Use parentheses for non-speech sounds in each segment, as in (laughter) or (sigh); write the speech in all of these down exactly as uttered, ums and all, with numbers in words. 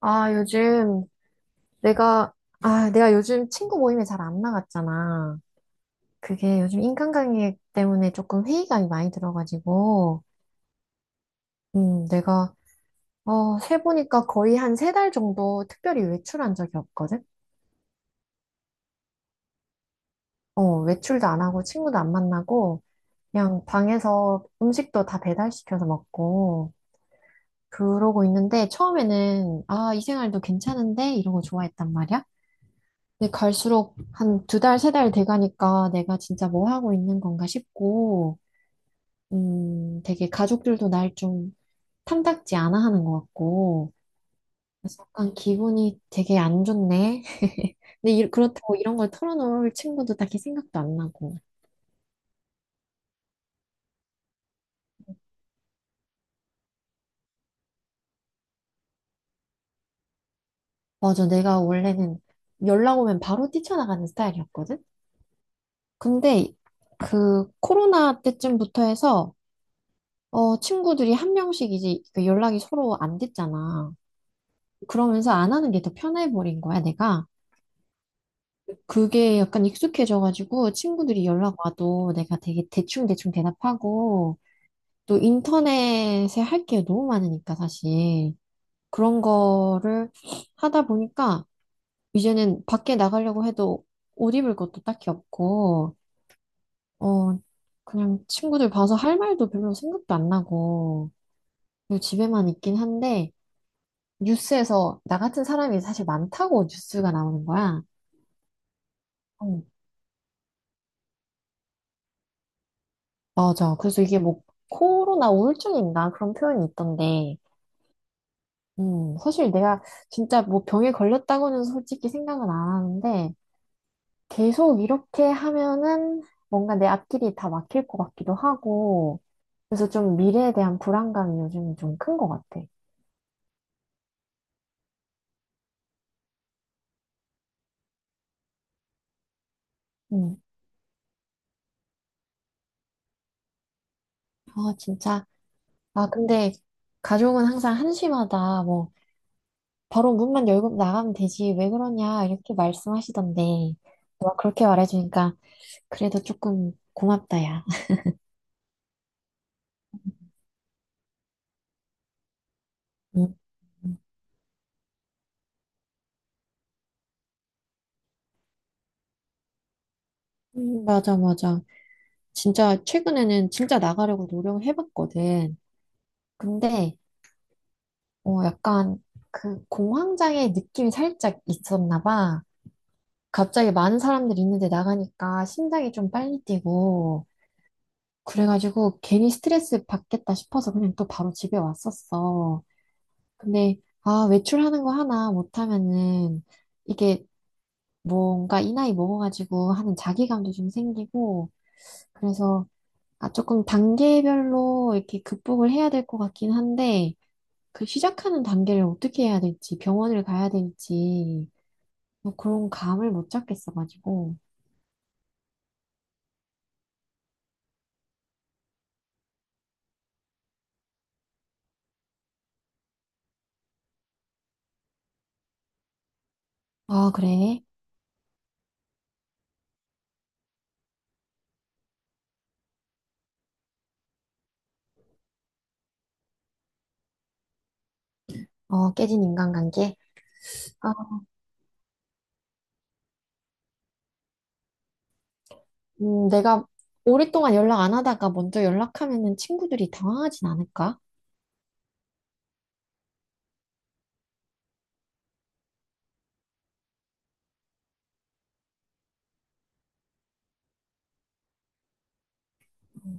아, 요즘 내가, 아, 내가 요즘 친구 모임에 잘 안 나갔잖아. 그게 요즘 인간관계 때문에 조금 회의감이 많이 들어가지고, 음, 내가, 어, 세보니까 거의 한 세 달 정도 특별히 외출한 적이 없거든? 어, 외출도 안 하고 친구도 안 만나고, 그냥 방에서 음식도 다 배달시켜서 먹고, 그러고 있는데, 처음에는, 아, 이 생활도 괜찮은데? 이러고 좋아했단 말이야. 근데 갈수록 한 두 달, 세 달 돼가니까 내가 진짜 뭐 하고 있는 건가 싶고, 음, 되게 가족들도 날 좀 탐탁지 않아 하는 것 같고, 그래서 약간 기분이 되게 안 좋네. (laughs) 근데 이- 그렇다고 이런 걸 털어놓을 친구도 딱히 생각도 안 나고. 맞아, 내가 원래는 연락 오면 바로 뛰쳐나가는 스타일이었거든? 근데 그 코로나 때쯤부터 해서, 어, 친구들이 한 명씩 이제 그 연락이 서로 안 됐잖아. 그러면서 안 하는 게 더 편해버린 거야, 내가. 그게 약간 익숙해져가지고 친구들이 연락 와도 내가 되게 대충대충 대답하고 또 인터넷에 할 게 너무 많으니까 사실 그런 거를 하다 보니까 이제는 밖에 나가려고 해도 옷 입을 것도 딱히 없고 어 그냥 친구들 봐서 할 말도 별로 생각도 안 나고 그리고 집에만 있긴 한데 뉴스에서 나 같은 사람이 사실 많다고 뉴스가 나오는 거야. 어, 맞아. 그래서 이게 뭐 코로나 우울증인가 그런 표현이 있던데, 음, 사실 내가 진짜 뭐 병에 걸렸다고는 솔직히 생각은 안 하는데, 계속 이렇게 하면은 뭔가 내 앞길이 다 막힐 것 같기도 하고, 그래서 좀 미래에 대한 불안감이 요즘 좀 큰 것 같아. 음, 아, 진짜. 아, 근데 가족은 항상 한심하다. 뭐, 바로 문만 열고 나가면 되지. 왜 그러냐. 이렇게 말씀하시던데, 너가 그렇게 말해주니까 그래도 조금 고맙다, 야. 음, 음, 맞아, 맞아. 진짜 최근에는 진짜 나가려고 노력을 해봤거든. 근데 어, 약간 그 공황장애 느낌이 살짝 있었나 봐. 갑자기 많은 사람들이 있는데 나가니까 심장이 좀 빨리 뛰고 그래가지고 괜히 스트레스 받겠다 싶어서 그냥 또 바로 집에 왔었어. 근데 아, 외출하는 거 하나 못하면은 이게 뭔가 이 나이 먹어가지고 하는 자기감도 좀 생기고 그래서 아, 조금 단계별로 이렇게 극복을 해야 될 것 같긴 한데, 그 시작하는 단계를 어떻게 해야 될지, 병원을 가야 될지, 뭐 그런 감을 못 잡겠어가지고. 아, 그래. 어, 깨진 인간관계. 아, 음, 내가 오랫동안 연락 안 하다가 먼저 연락하면은 친구들이 당황하진 않을까?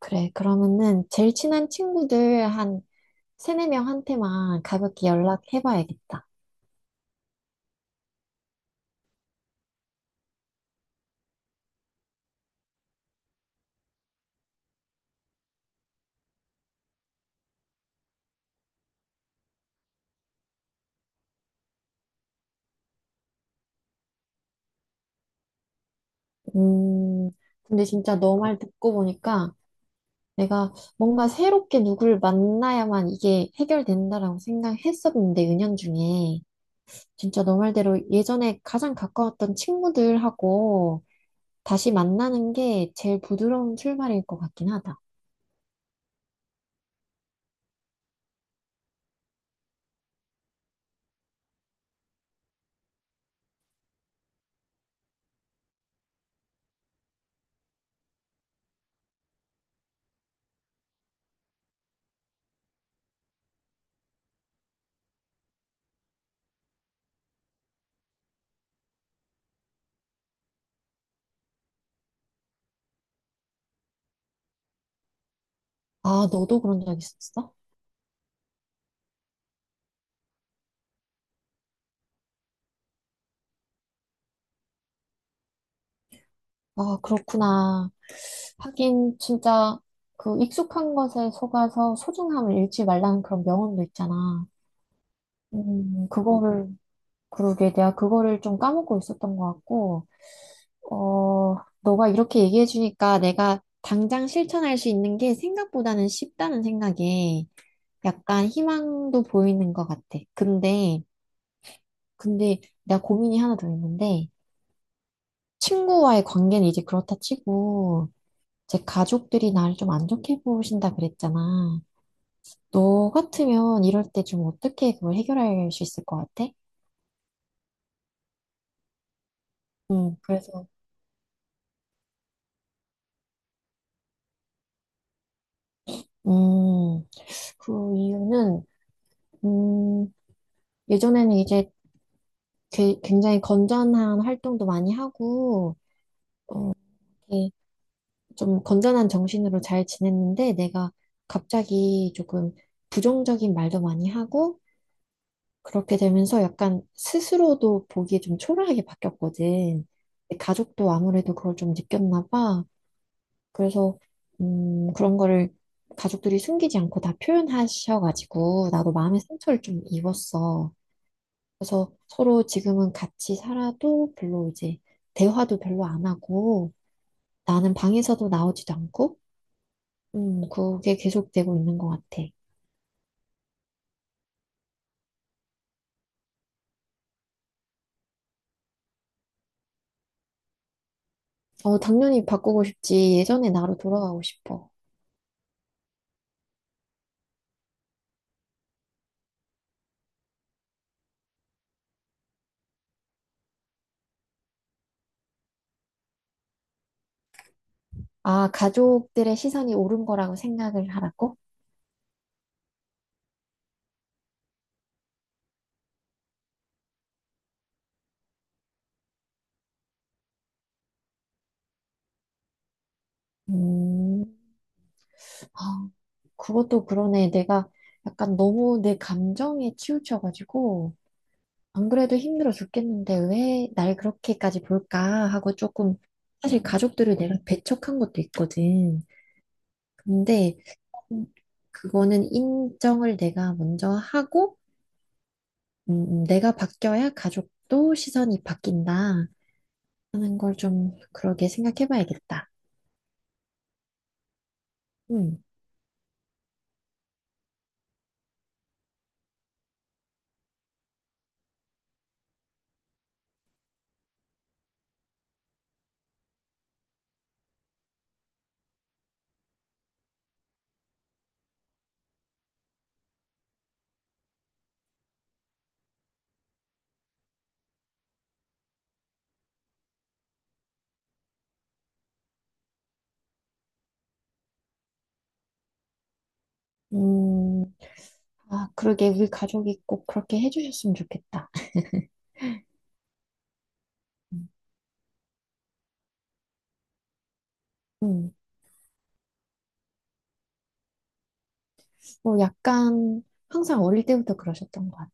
그래. 그러면은 제일 친한 친구들 한 세네 명한테만 가볍게 연락해봐야겠다. 음, 근데 진짜 너 말 듣고 보니까 내가 뭔가 새롭게 누굴 만나야만 이게 해결된다라고 생각했었는데, 은연중에. 진짜 너 말대로 예전에 가장 가까웠던 친구들하고 다시 만나는 게 제일 부드러운 출발일 것 같긴 하다. 아, 너도 그런 적 있었어? 아, 그렇구나. 하긴 진짜 그 익숙한 것에 속아서 소중함을 잃지 말라는 그런 명언도 있잖아. 음, 그거를, 그러게 내가 그거를 좀 까먹고 있었던 것 같고, 어, 너가 이렇게 얘기해주니까 내가 당장 실천할 수 있는 게 생각보다는 쉽다는 생각에 약간 희망도 보이는 것 같아. 근데, 근데 내가 고민이 하나 더 있는데, 친구와의 관계는 이제 그렇다 치고, 제 가족들이 나를 좀 안 좋게 보신다 그랬잖아. 너 같으면 이럴 때 좀 어떻게 그걸 해결할 수 있을 것 같아? 음, 그래서, 음, 그 이유는, 음, 예전에는 이제 게- 굉장히 건전한 활동도 많이 하고, 좀 건전한 정신으로 잘 지냈는데 내가 갑자기 조금 부정적인 말도 많이 하고 그렇게 되면서 약간 스스로도 보기에 좀 초라하게 바뀌었거든. 내 가족도 아무래도 그걸 좀 느꼈나 봐. 그래서 음, 그런 거를 가족들이 숨기지 않고 다 표현하셔가지고 나도 마음의 상처를 좀 입었어. 그래서 서로 지금은 같이 살아도 별로 이제 대화도 별로 안 하고 나는 방에서도 나오지도 않고 음, 그게 계속되고 있는 것 같아. 어, 당연히 바꾸고 싶지. 예전의 나로 돌아가고 싶어. 아, 가족들의 시선이 옳은 거라고 생각을 하라고? 음, 아, 그것도 그러네. 내가 약간 너무 내 감정에 치우쳐가지고, 안 그래도 힘들어 죽겠는데 왜 날 그렇게까지 볼까 하고 조금, 사실 가족들을 내가 배척한 것도 있거든. 근데, 음, 그거는 인정을 내가 먼저 하고, 음, 음, 내가 바뀌어야 가족도 시선이 바뀐다 하는 걸 좀 그러게 생각해 봐야겠다. 음, 음, 아, 그러게 우리 가족이 꼭 그렇게 해주셨으면 좋겠다. 음, 음. 뭐 약간 항상 어릴 때부터 그러셨던 것 같아.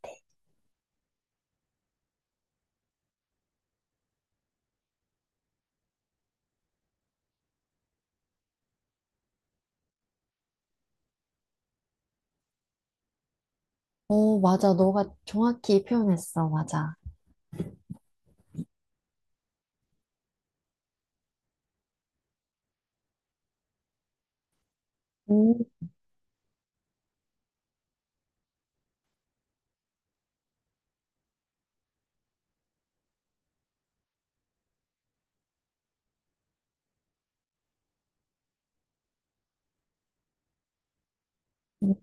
어, 맞아. 너가 정확히 표현했어. 맞아. 음, 음,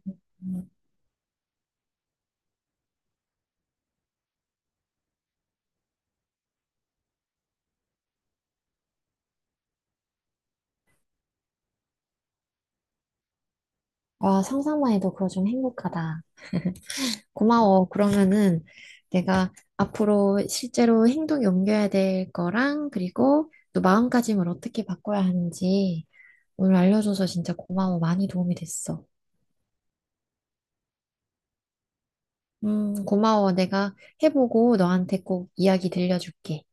음. 와, 상상만 해도 그거 좀 행복하다. 고마워. 그러면은 내가 앞으로 실제로 행동 옮겨야 될 거랑 그리고 또 마음가짐을 어떻게 바꿔야 하는지 오늘 알려줘서 진짜 고마워. 많이 도움이 됐어. 음, 고마워. 내가 해보고 너한테 꼭 이야기 들려줄게.